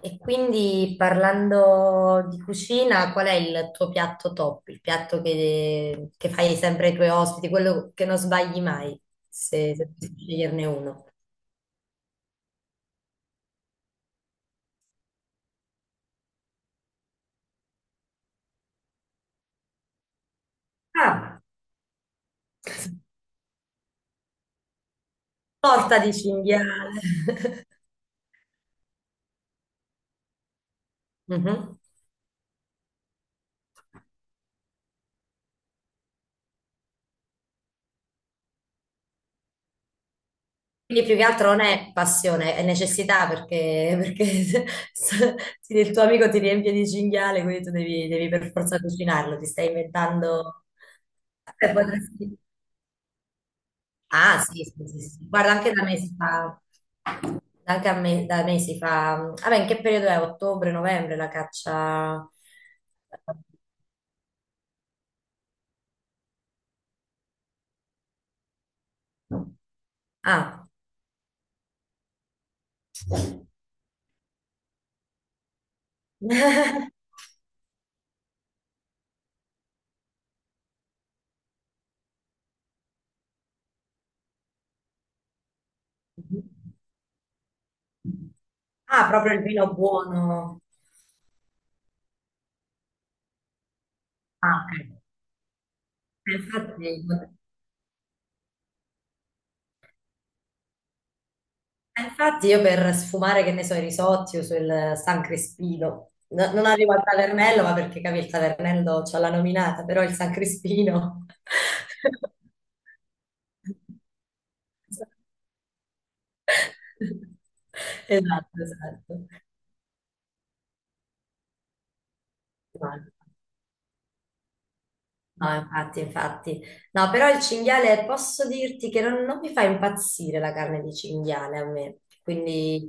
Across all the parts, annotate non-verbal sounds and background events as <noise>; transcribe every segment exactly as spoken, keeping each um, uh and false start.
E quindi parlando di cucina, qual è il tuo piatto top? Il piatto che, che fai sempre ai tuoi ospiti, quello che non sbagli mai, se, se devi sceglierne uno. Ah, torta di cinghiale. <laughs> Mhm. Quindi più che altro non è passione, è necessità perché, perché <laughs> se, se il tuo amico ti riempie di cinghiale, quindi tu devi, devi per forza cucinarlo, ti stai inventando... eh, potresti- Ah, sì, sì, sì, sì. Guarda, anche da me si fa, anche a me, da me si fa, vabbè, in che periodo è? Ottobre, novembre la caccia? Ah, <laughs> ah, proprio il vino buono. Ah, ok. E Infatti, e infatti io per sfumare, che ne so, i risotti uso il San Crispino. No- non arrivo al Tavernello, ma perché capi, il Tavernello c'ha la nominata, però il San Crispino. <laughs> <laughs> Esatto, esatto. Male. No, infatti, infatti. No, però il cinghiale, posso dirti che non, non mi fa impazzire la carne di cinghiale a me, quindi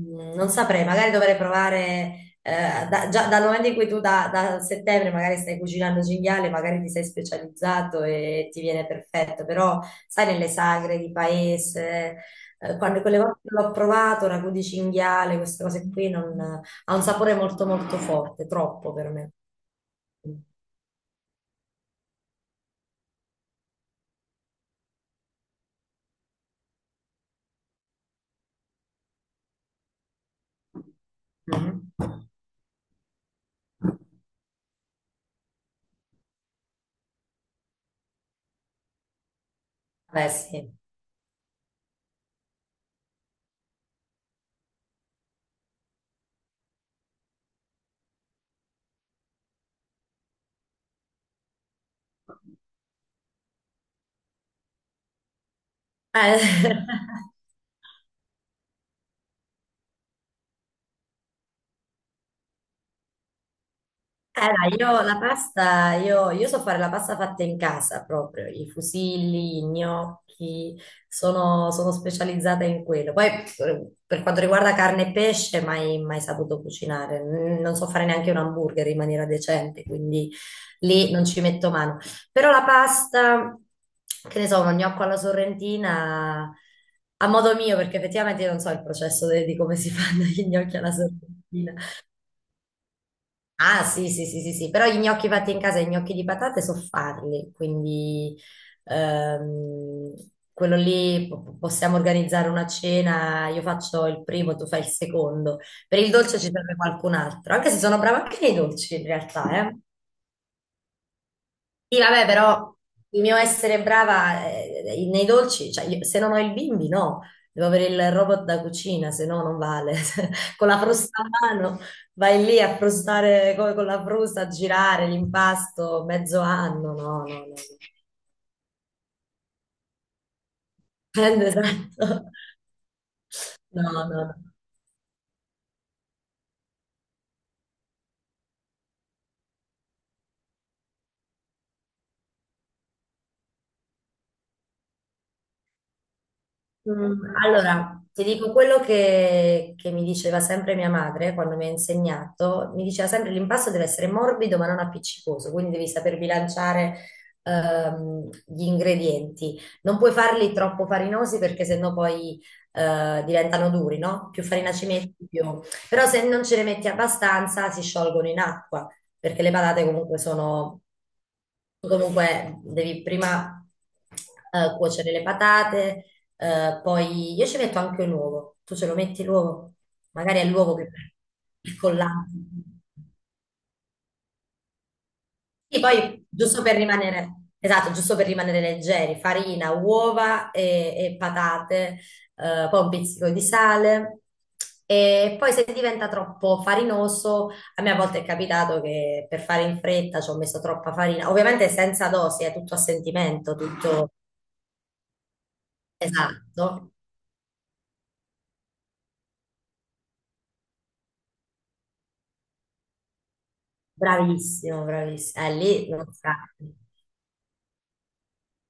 mm, non saprei, magari dovrei provare, eh, da- già dal momento in cui tu da, da settembre magari stai cucinando cinghiale, magari ti sei specializzato e ti viene perfetto, però sai, nelle sagre di paese, eh, quando quelle volte che l'ho provato, ragù di cinghiale, queste cose qui, non- ha un sapore molto molto forte, troppo per me. Mhm. Beh, sì. Eh, <laughs> eh, dai, io la pasta, io, io so fare la pasta fatta in casa proprio, i fusilli, i gnocchi, sono, sono specializzata in quello. Poi eh, per quanto riguarda carne e pesce, mai, mai saputo cucinare. Mm, non so fare neanche un hamburger in maniera decente, quindi lì non ci metto mano. Però la pasta, che ne so, uno gnocco alla sorrentina... A modo mio, perché effettivamente io non so il processo de- di come si <laughs> fanno gli gnocchi alla sorrentina. Ah, sì, sì, sì, sì, sì, però gli gnocchi fatti in casa, i gnocchi di patate so farli, quindi ehm, quello lì po- possiamo organizzare una cena, io faccio il primo, tu fai il secondo. Per il dolce ci serve qualcun altro, anche se sono brava anche nei dolci in realtà, eh. Sì, vabbè, però il mio essere brava eh, nei dolci, cioè io- se non ho il bimbi, no, devo avere il robot da cucina, se no non vale. <laughs> Con la frusta a mano vai lì a frustare co- con, la frusta, a girare l'impasto mezzo anno, no, no, no. <laughs> no. Esatto. No, no, no. Mm, Allora, ti dico quello che, che mi diceva sempre mia madre quando mi ha insegnato, mi diceva sempre l'impasto deve essere morbido ma non appiccicoso, quindi devi saper bilanciare ehm, gli ingredienti. Non puoi farli troppo farinosi perché sennò poi eh, diventano duri, no? Più farina ci metti, più... Però se non ce ne metti abbastanza si sciolgono in acqua, perché le patate comunque sono... Tu comunque devi prima eh, cuocere le patate, eh, poi io ci metto anche l'uovo. Tu ce lo metti l'uovo? Magari è l'uovo che il collante. Sì, poi giusto per rimanere, esatto, giusto per rimanere leggeri, farina, uova e, e patate, eh, poi un pizzico di sale. E poi se diventa troppo farinoso, a me a volte è capitato che per fare in fretta ci ho messo troppa farina, ovviamente senza dosi, è tutto a sentimento, tutto esatto. Bravissimo, bravissimo. Eh, lì non sa.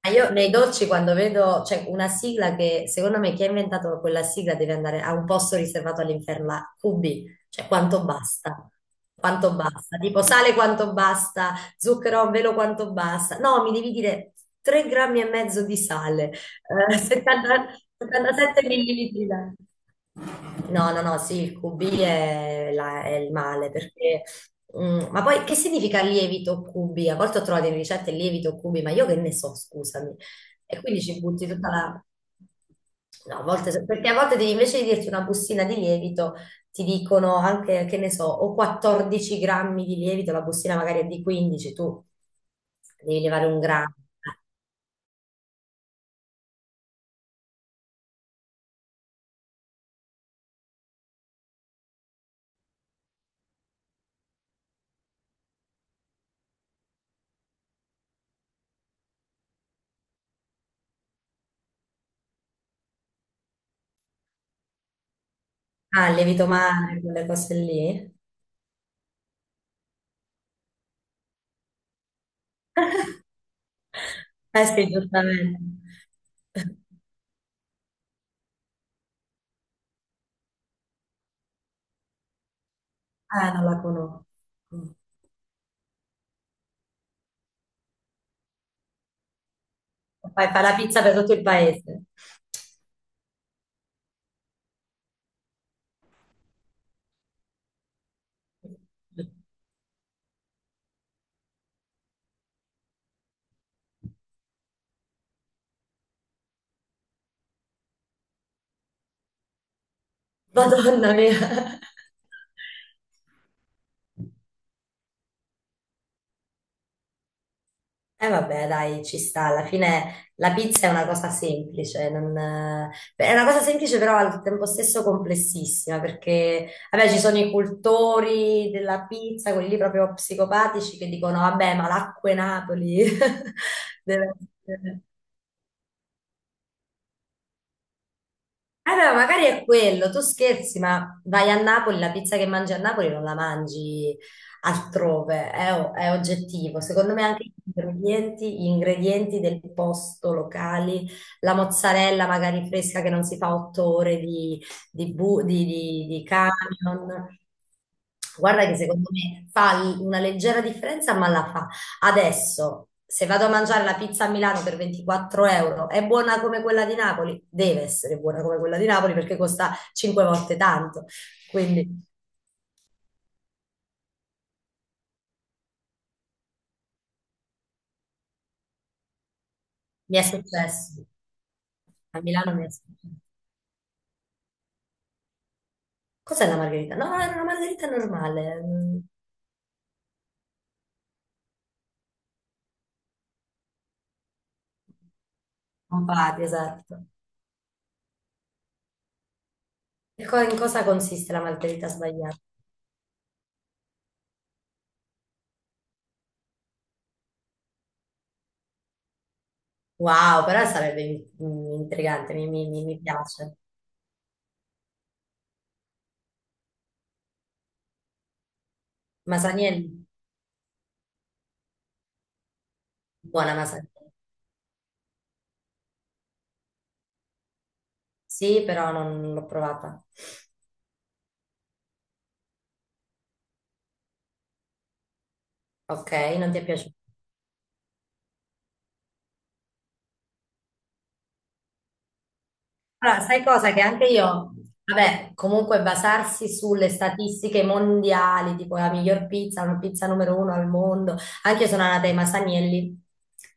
Ma Io nei dolci quando vedo, c'è una sigla che secondo me chi ha inventato quella sigla deve andare a un posto riservato all'inferno, la Q B, cioè quanto basta, quanto basta, tipo sale quanto basta, zucchero a velo quanto basta, no, mi devi dire tre grammi e mezzo di sale, eh, <laughs> settanta settantasette millilitri d'acqua. No, no, no, sì, il Q B è, la- è il male perché... mm, ma poi che significa lievito Q B? A volte ho trovato in ricette lievito Q B, ma io che ne so, scusami. E quindi ci butti tutta la... No, a volte, perché a volte devi- invece di dirti una bustina di lievito, ti dicono anche, che ne so, o quattordici grammi di lievito, la bustina magari è di quindici, tu devi levare un grammo. Ah, il lievito madre, quelle cose lì. Eh sì, giustamente. Eh, non la conosco. Mm. Fai, fai la pizza per tutto il paese. Madonna mia. <laughs> E vabbè, dai, ci sta. Alla fine la pizza è una cosa semplice, non- è una cosa semplice però al tempo stesso complessissima, perché vabbè, ci sono i cultori della pizza, quelli lì proprio psicopatici che dicono, vabbè, ma l'acqua e Napoli <laughs> deve essere. Allora, magari è quello, tu scherzi, ma vai a Napoli, la pizza che mangi a Napoli non la mangi altrove, è, o- è oggettivo. Secondo me anche gli ingredienti, gli ingredienti del posto locali, la mozzarella magari fresca che non si fa otto ore di, di, bu- di, di- di camion. Guarda che secondo me fa l- una leggera differenza, ma la fa. Adesso, se vado a mangiare la pizza a Milano per ventiquattro euro, è buona come quella di Napoli? Deve essere buona come quella di Napoli perché costa cinque volte tanto. Quindi mi è successo. A Milano mi è successo. Cos'è la margherita? No, era una margherita normale, mm, un patty, esatto. E co- in cosa consiste la margherita sbagliata? Wow, però sarebbe in- mm, intrigante, mi, mi- mi- mi piace. Masaniello, buona Masaniello. Sì, però non l'ho provata. Ok, non ti è piaciuta? Allora, sai cosa? Che anche io, vabbè, comunque basarsi sulle statistiche mondiali, tipo la miglior pizza, una pizza numero uno al mondo, anche io sono andata ai Masanielli,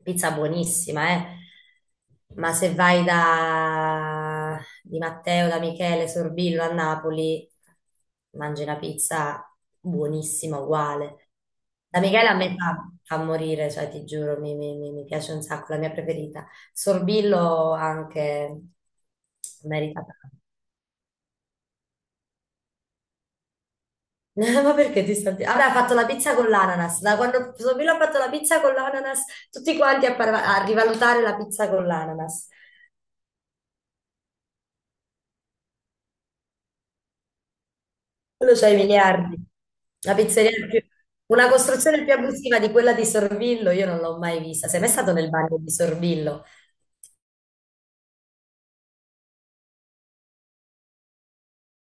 pizza buonissima, eh. Ma se vai da Di Matteo, da Michele, Sorbillo a Napoli, mangi una pizza buonissima, uguale. Da Michele a me fa, fa morire, cioè ti giuro, mi mi- mi- mi piace un sacco, la mia preferita. Sorbillo anche meritata. <laughs> Ma perché ti stai... Vabbè, ha fatto la pizza con l'ananas. Da quando Sorbillo ha fatto la pizza con l'ananas, tutti quanti a, parla- a rivalutare la pizza con l'ananas. Quello c'ha i miliardi. La pizzeria più... Una costruzione più abusiva di quella di Sorbillo, io non l'ho mai vista. Sei mai stato nel bagno di Sorbillo?